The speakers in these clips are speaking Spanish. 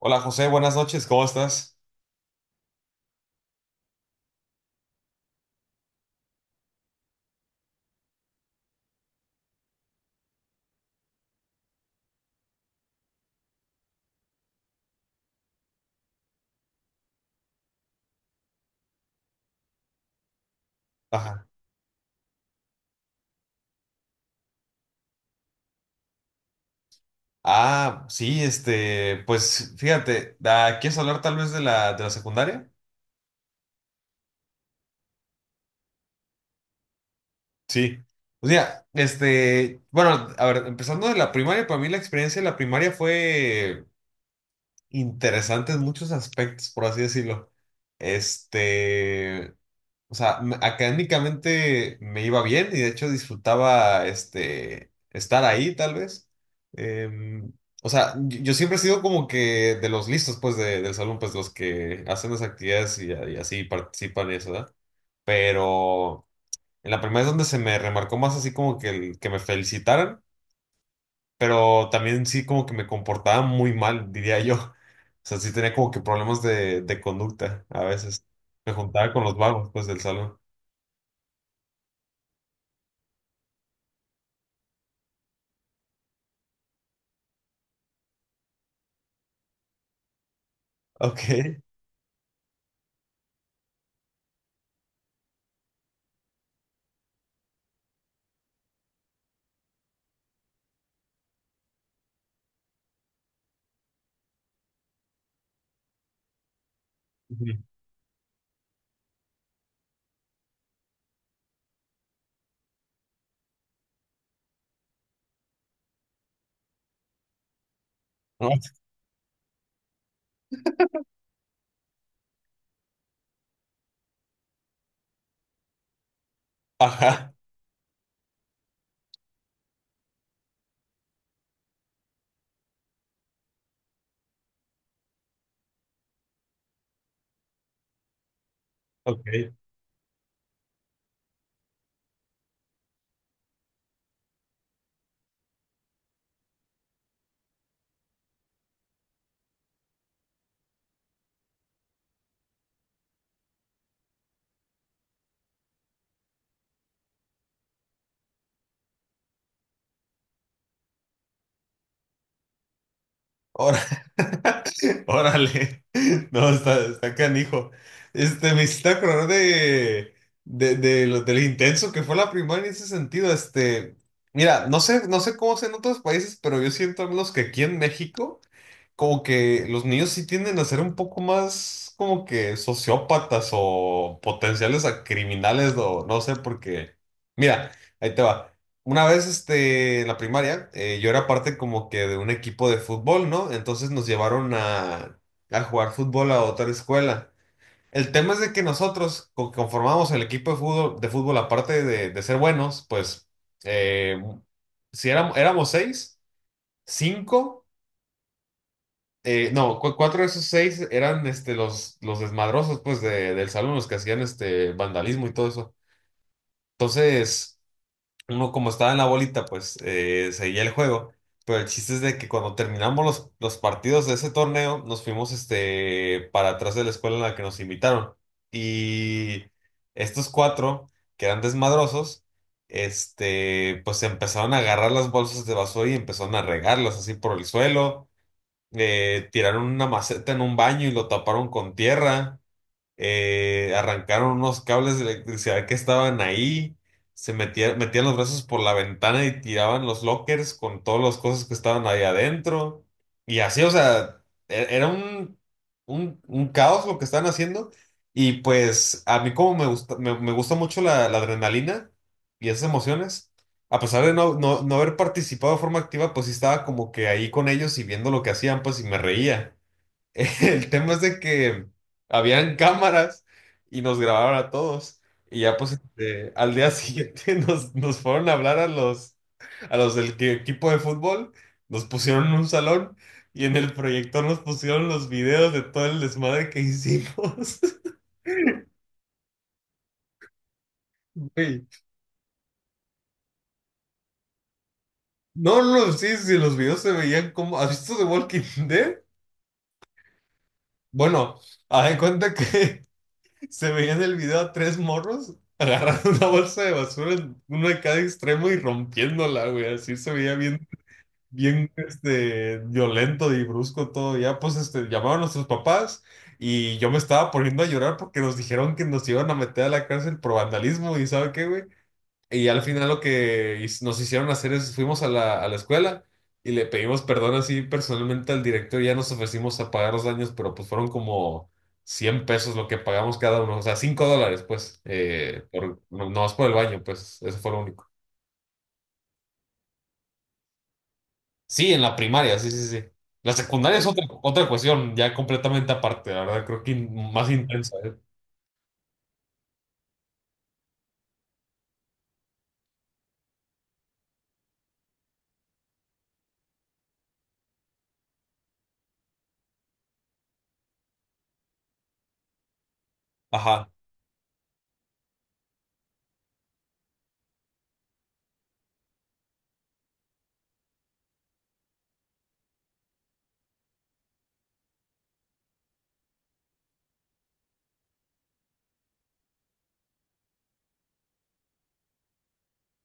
Hola José, buenas noches, ¿cómo estás? Ajá. Ah, sí, pues fíjate, ¿quieres hablar tal vez de de la secundaria? Sí. O sea, este, bueno, a ver, empezando de la primaria, para mí la experiencia de la primaria fue interesante en muchos aspectos, por así decirlo. Este, O sea, académicamente me iba bien y de hecho disfrutaba este, estar ahí, tal vez. Em, o sea, yo siempre he sido como que de los listos, pues, del salón, pues, los que hacen las actividades y así participan y eso, ¿verdad? Pero en la primera es donde se me remarcó más así como que, que me felicitaran, pero también sí como que me comportaba muy mal, diría yo. O sea, sí tenía como que problemas de conducta a veces. Me juntaba con los vagos, pues, del salón. Ok. Ujú. ¿No? Ajá, ok. Ahora, órale. No, está, está canijo. Este, me hiciste acordar de lo, del intenso que fue la primaria en ese sentido. Este, mira, no sé, no sé cómo es en otros países, pero yo siento al menos que aquí en México, como que los niños sí tienden a ser un poco más como que sociópatas o potenciales a criminales, o no sé, porque, mira, ahí te va. Una vez, este, en la primaria, yo era parte como que de un equipo de fútbol, ¿no? Entonces nos llevaron a jugar fútbol a otra escuela. El tema es de que nosotros conformamos el equipo de fútbol aparte de ser buenos, pues, eh, si éramos, éramos seis, cinco. No, cuatro de esos seis eran este, los desmadrosos pues, del salón, los que hacían este, vandalismo y todo eso. Entonces, uno como estaba en la bolita, pues seguía el juego. Pero el chiste es de que cuando terminamos los partidos de ese torneo, nos fuimos este, para atrás de la escuela en la que nos invitaron. Y estos cuatro, que eran desmadrosos, este, pues empezaron a agarrar las bolsas de basura y empezaron a regarlas así por el suelo. Tiraron una maceta en un baño y lo taparon con tierra. Arrancaron unos cables de electricidad que estaban ahí, se metían, metían los brazos por la ventana y tiraban los lockers con todas las cosas que estaban ahí adentro. Y así, o sea, era un caos lo que estaban haciendo. Y pues a mí como me gusta, me gusta mucho la adrenalina y esas emociones, a pesar de no, no, no haber participado de forma activa, pues sí estaba como que ahí con ellos y viendo lo que hacían, pues y me reía. El tema es de que habían cámaras y nos grabaron a todos. Y ya pues este, al día siguiente nos fueron a hablar a a los del equipo de fútbol, nos pusieron en un salón y en el proyector nos pusieron los videos de todo el desmadre que hicimos. Güey. No, no, no, sí, sí, los videos se veían como... ¿Has visto The Walking Dead? Bueno, haz de cuenta que se veía en el video a tres morros agarrando una bolsa de basura, en uno de cada extremo y rompiéndola, güey. Así se veía bien, bien, este, violento y brusco todo. Ya, pues, este, llamaban a nuestros papás y yo me estaba poniendo a llorar porque nos dijeron que nos iban a meter a la cárcel por vandalismo y ¿sabe qué, güey? Y al final lo que nos hicieron hacer es, fuimos a a la escuela y le pedimos perdón así personalmente al director, ya nos ofrecimos a pagar los daños, pero pues fueron como 100 pesos lo que pagamos cada uno, o sea, 5 dólares pues, por, no, no más por el baño, pues eso fue lo único. Sí, en la primaria, sí, sí, sí. La secundaria es otra, otra cuestión ya completamente aparte, la verdad, creo que más intensa, ¿eh? Ajá.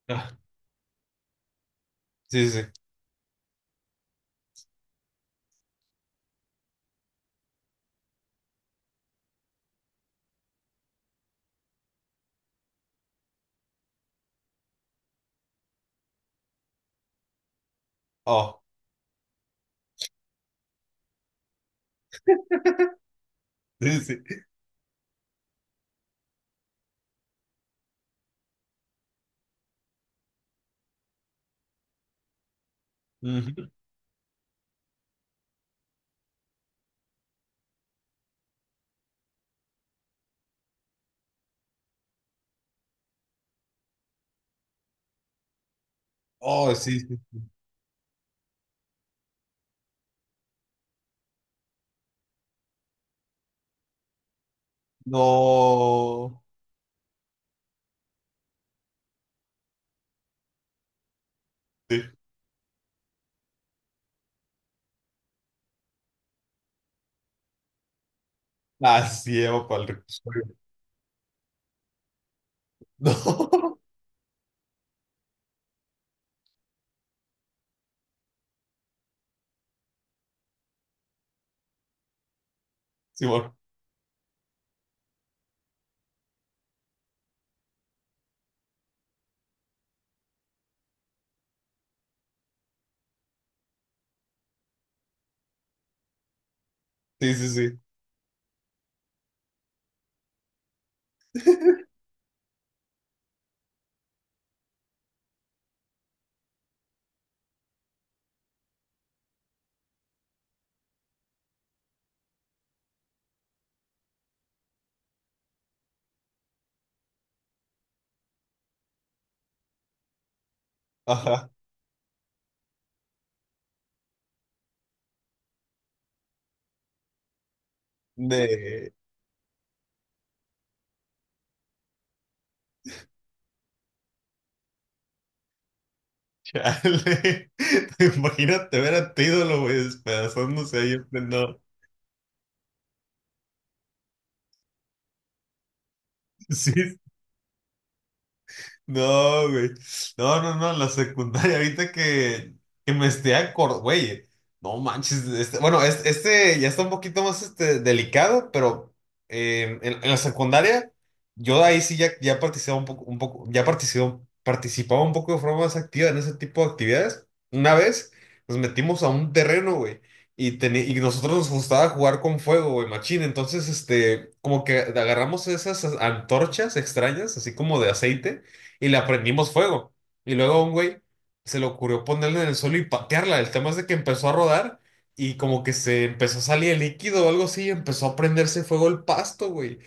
Ah, sí, sí, sí. Oh, sí, sí. Ujú. Oh, sí, sí. No. Sí. Así lleva para el reclusorio. No, Simón. Sí, sí, sí. Ajá. De. Chale. Imagínate ver a tu ídolo, güey, despedazándose ahí, en pleno- Sí, no, güey. No, no, no, la secundaria, ahorita que me esté acordando, güey. No manches, bueno, este, ya está un poquito más este, delicado, pero en la secundaria, yo ahí sí ya, ya participaba un poco, ya participaba, participaba un poco de forma más activa en ese tipo de actividades. Una vez nos metimos a un terreno, güey, y, y nosotros nos gustaba jugar con fuego, güey, machín. Entonces, este, como que agarramos esas antorchas extrañas, así como de aceite y le aprendimos fuego. Y luego a un güey se le ocurrió ponerla en el suelo y patearla. El tema es de que empezó a rodar y como que se empezó a salir el líquido o algo así y empezó a prenderse fuego el pasto, güey.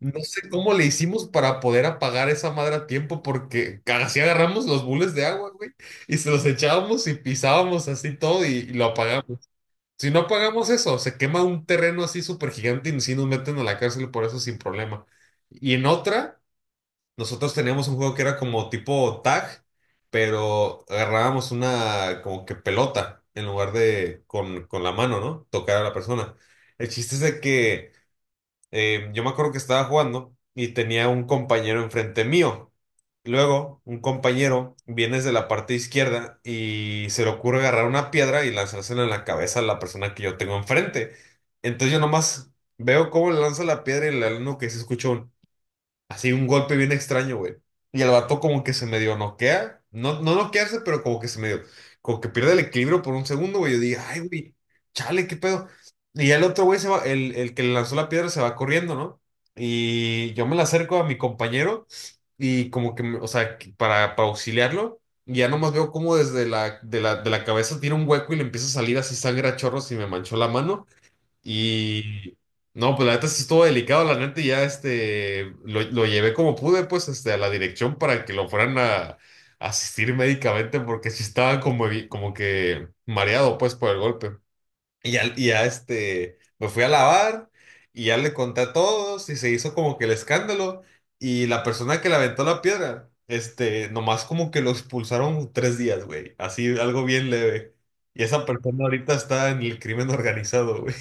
No sé cómo le hicimos para poder apagar esa madre a tiempo porque así agarramos los bules de agua, güey, y se los echábamos y pisábamos así todo y lo apagamos. Si no apagamos eso, se quema un terreno así súper gigante y sí nos meten a la cárcel por eso sin problema. Y en otra... Nosotros teníamos un juego que era como tipo tag, pero agarrábamos una como que pelota en lugar de con la mano, ¿no? Tocar a la persona. El chiste es de que yo me acuerdo que estaba jugando y tenía un compañero enfrente mío. Luego, un compañero viene desde la parte izquierda y se le ocurre agarrar una piedra y lanzársela en la cabeza a la persona que yo tengo enfrente. Entonces yo nomás veo cómo le lanza la piedra y le uno que se escucha un... Así un golpe bien extraño, güey. Y el vato como que se medio noquea. No, no noquearse, pero como que se medio. Como que pierde el equilibrio por un segundo, güey. Yo dije, ay, güey, chale, qué pedo. Y ya el otro güey se va, el que le lanzó la piedra se va corriendo, ¿no? Y yo me la acerco a mi compañero y como que, o sea, que para auxiliarlo. Y ya nomás veo como desde de de la cabeza tiene un hueco y le empieza a salir así sangre a chorros y me manchó la mano. Y no, pues la neta sí estuvo delicado, la neta y ya este lo llevé como pude, pues este, a la dirección para que lo fueran a asistir médicamente, porque sí estaba como, como que mareado pues por el golpe. Y ya este me fui a lavar y ya le conté a todos y se hizo como que el escándalo. Y la persona que le aventó la piedra, este, nomás como que lo expulsaron tres días, güey. Así algo bien leve. Y esa persona ahorita está en el crimen organizado, güey.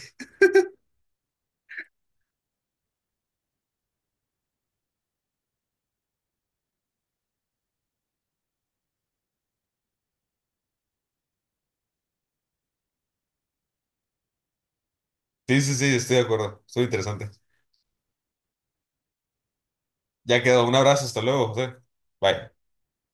Sí, sí, sí, estoy de acuerdo. Estuvo interesante. Ya quedó. Un abrazo, hasta luego, José. Bye.